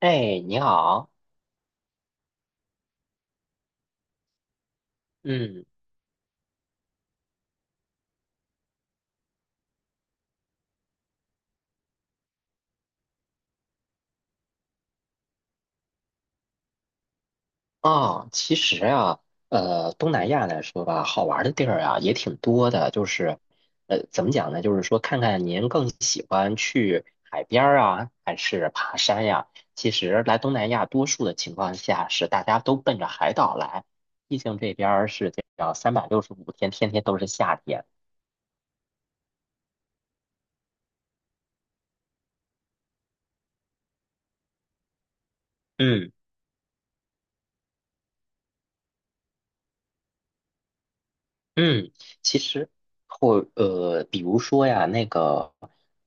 哎，你好。嗯，其实东南亚来说吧，好玩儿的地儿啊也挺多的，就是，怎么讲呢？就是说，看看您更喜欢去海边儿啊，还是爬山呀？其实来东南亚，多数的情况下是大家都奔着海岛来，毕竟这边儿是这样365天，天天都是夏天。嗯。嗯，其实比如说呀，那个，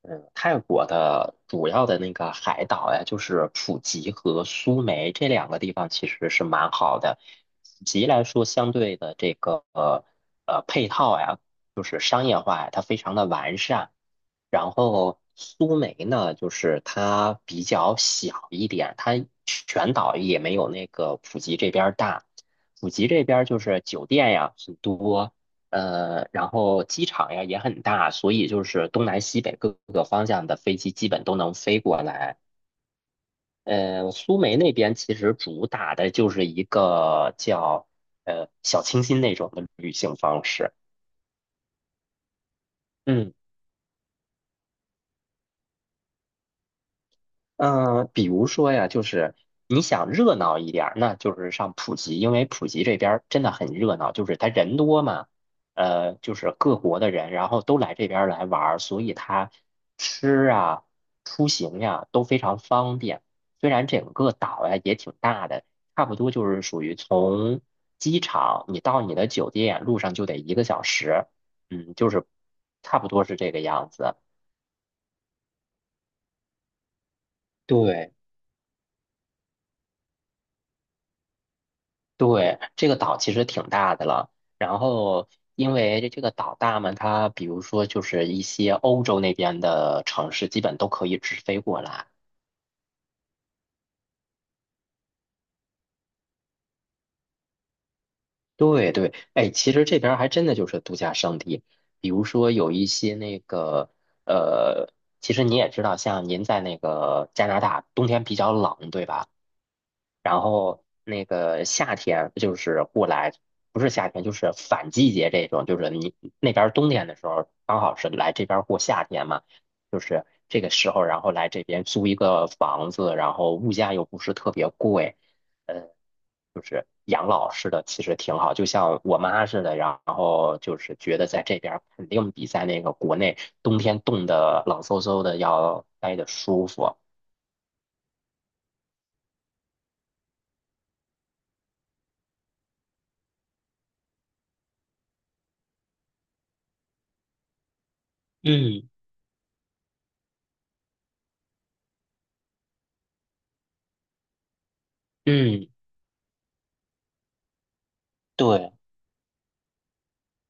嗯，泰国的主要的那个海岛呀，就是普吉和苏梅这两个地方，其实是蛮好的。普吉来说，相对的这个配套呀，就是商业化呀，它非常的完善。然后苏梅呢，就是它比较小一点，它全岛也没有那个普吉这边儿大。普吉这边儿就是酒店呀很多，然后机场呀也很大，所以就是东南西北各个方向的飞机基本都能飞过来。苏梅那边其实主打的就是一个叫小清新那种的旅行方式。嗯。比如说呀，就是你想热闹一点儿，那就是上普吉，因为普吉这边儿真的很热闹，就是它人多嘛。就是各国的人，然后都来这边儿来玩儿，所以它吃啊、出行呀都非常方便。虽然整个岛呀也挺大的，差不多就是属于从机场你到你的酒店路上就得一个小时，就是差不多是这个样子。对，对，这个岛其实挺大的了。然后，因为这个岛大嘛，它比如说就是一些欧洲那边的城市，基本都可以直飞过来。对对，哎，其实这边儿还真的就是度假胜地，比如说有一些那个呃，其实你也知道，像您在那个加拿大，冬天比较冷，对吧？然后那个夏天就是过来，不是夏天就是反季节这种，就是你那边儿冬天的时候，刚好是来这边儿过夏天嘛，就是这个时候，然后来这边租一个房子，然后物价又不是特别贵，呃，就是养老似的，其实挺好，就像我妈似的，然后就是觉得在这边儿肯定比在那个国内冬天冻得冷飕飕的要待得舒服。嗯嗯，对。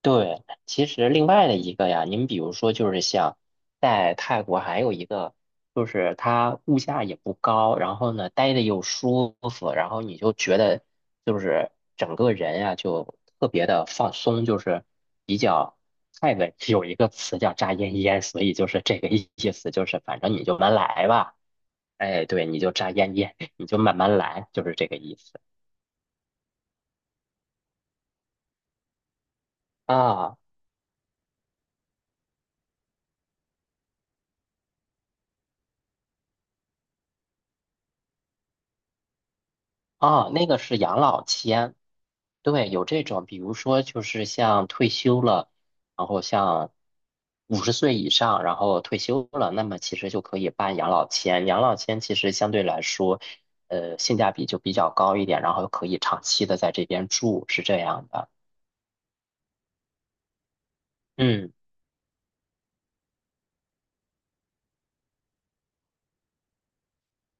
对，其实另外的一个呀，您比如说就是像在泰国还有一个，就是它物价也不高，然后呢待的又舒服，然后你就觉得就是整个人呀就特别的放松，就是比较泰文有一个词叫"扎烟烟"，所以就是这个意思，就是反正你就慢慢来吧。哎，对，你就扎烟烟，你就慢慢来，就是这个意思。啊，啊，那个是养老签，对，有这种，比如说就是像退休了，然后像50岁以上，然后退休了，那么其实就可以办养老签。养老签其实相对来说，性价比就比较高一点，然后可以长期的在这边住，是这样的。嗯。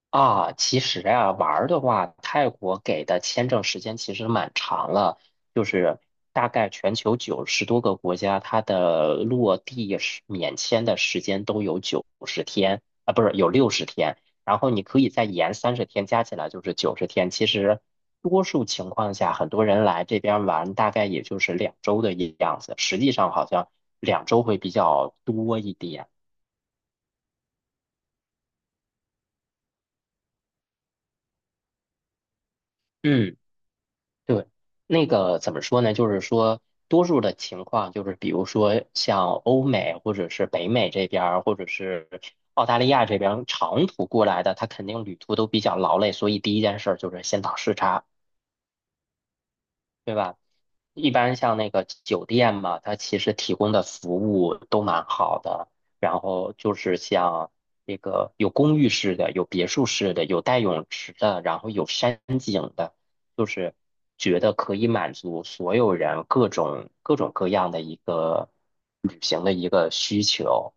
啊，其实呀，玩儿的话，泰国给的签证时间其实蛮长了，就是大概全球90多个国家，它的落地是免签的时间都有九十天啊，不是有60天，然后你可以再延30天，加起来就是九十天。其实多数情况下，很多人来这边玩，大概也就是两周的样子，实际上好像两周会比较多一点。嗯。对，那个怎么说呢？就是说，多数的情况就是，比如说像欧美或者是北美这边儿，或者是澳大利亚这边儿长途过来的，他肯定旅途都比较劳累，所以第一件事儿就是先倒时差，对吧？一般像那个酒店嘛，它其实提供的服务都蛮好的。然后就是像这个有公寓式的，有别墅式的，有带泳池的，然后有山景的，就是觉得可以满足所有人各种各种各样的一个旅行的一个需求。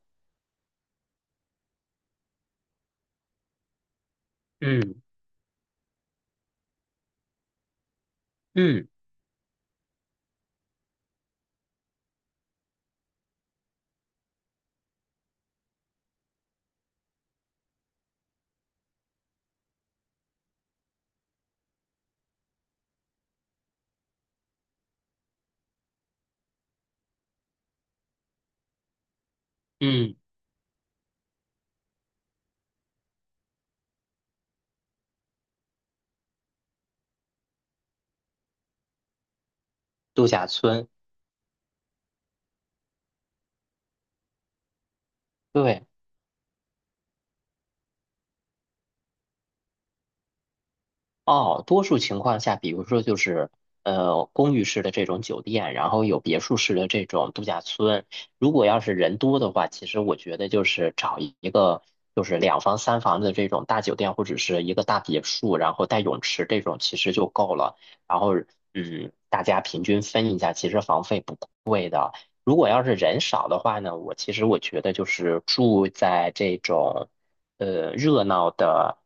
嗯嗯嗯，度假村，对。哦，多数情况下，比如说就是公寓式的这种酒店，然后有别墅式的这种度假村。如果要是人多的话，其实我觉得就是找一个就是两房三房的这种大酒店，或者是一个大别墅，然后带泳池这种其实就够了。然后大家平均分一下，其实房费不贵。如果要是人少的话呢，我其实我觉得就是住在这种热闹的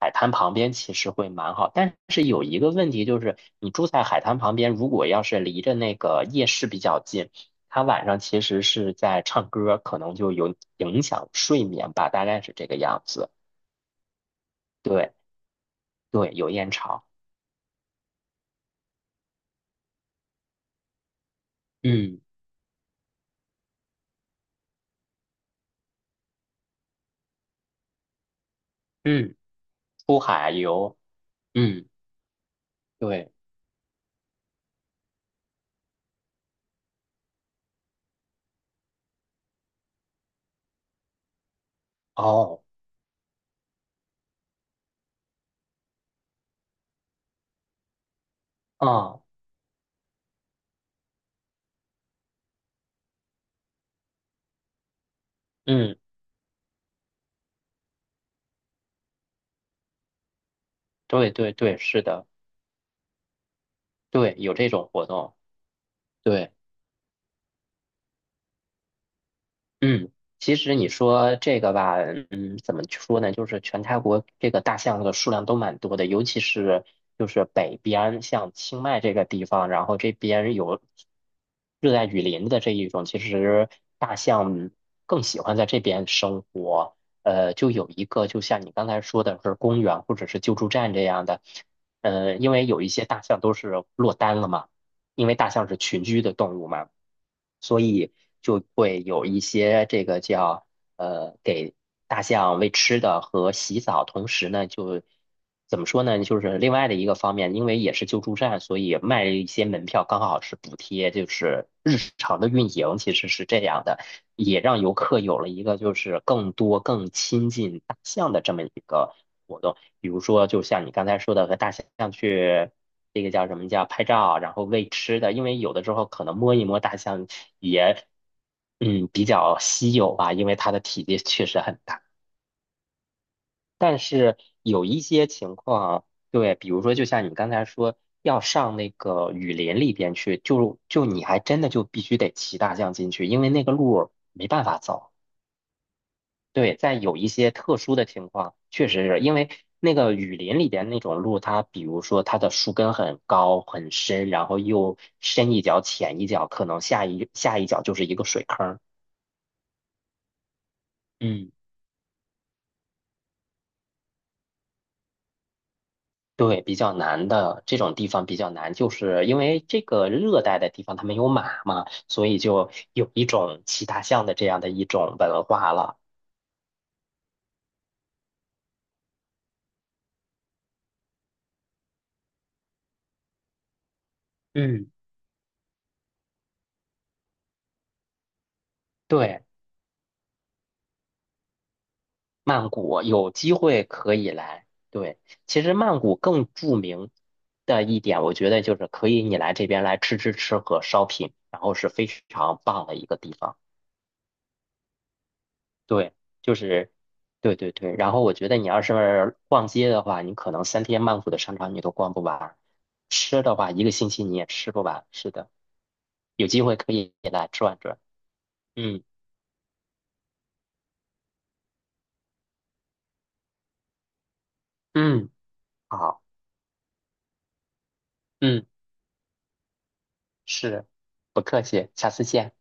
海滩旁边，其实会蛮好。但是有一个问题就是，你住在海滩旁边，如果要是离着那个夜市比较近，它晚上其实是在唱歌，可能就有影响睡眠吧，大概是这个样子。对对，有烟潮。嗯嗯，出海游。嗯，对。哦，嗯嗯，对对对，是的。对，有这种活动。对。嗯，其实你说这个吧，怎么说呢？就是全泰国这个大象的数量都蛮多的，尤其是就是北边，像清迈这个地方，然后这边有热带雨林的这一种，其实大象更喜欢在这边生活。就有一个，就像你刚才说的是公园或者是救助站这样的。因为有一些大象都是落单了嘛，因为大象是群居的动物嘛，所以就会有一些这个叫给大象喂吃的和洗澡。同时呢就怎么说呢，就是另外的一个方面，因为也是救助站，所以卖了一些门票，刚好是补贴，就是日常的运营其实是这样的。也让游客有了一个就是更多、更亲近大象的这么一个活动。比如说，就像你刚才说的，和大象去这个叫什么叫拍照，然后喂吃的，因为有的时候可能摸一摸大象也比较稀有吧，因为它的体积确实很大。但是有一些情况，对，比如说就像你刚才说，要上那个雨林里边去，就你还真的就必须得骑大象进去，因为那个路没办法走。对，在有一些特殊的情况，确实是因为那个雨林里边那种路，它比如说它的树根很高很深，然后又深一脚浅一脚，可能下一脚就是一个水坑儿。嗯对，比较难的这种地方比较难，就是因为这个热带的地方它没有马嘛，所以就有一种骑大象的这样的一种文化了。嗯，对，曼谷有机会可以来。对，其实曼谷更著名的一点，我觉得就是可以你来这边来吃吃吃和 shopping，然后是非常棒的一个地方。对，就是对对对。然后我觉得你要是逛街的话，你可能3天曼谷的商场你都逛不完，吃的话一个星期你也吃不完。是的，有机会可以来转转。嗯嗯，好，嗯，是，不客气，下次见。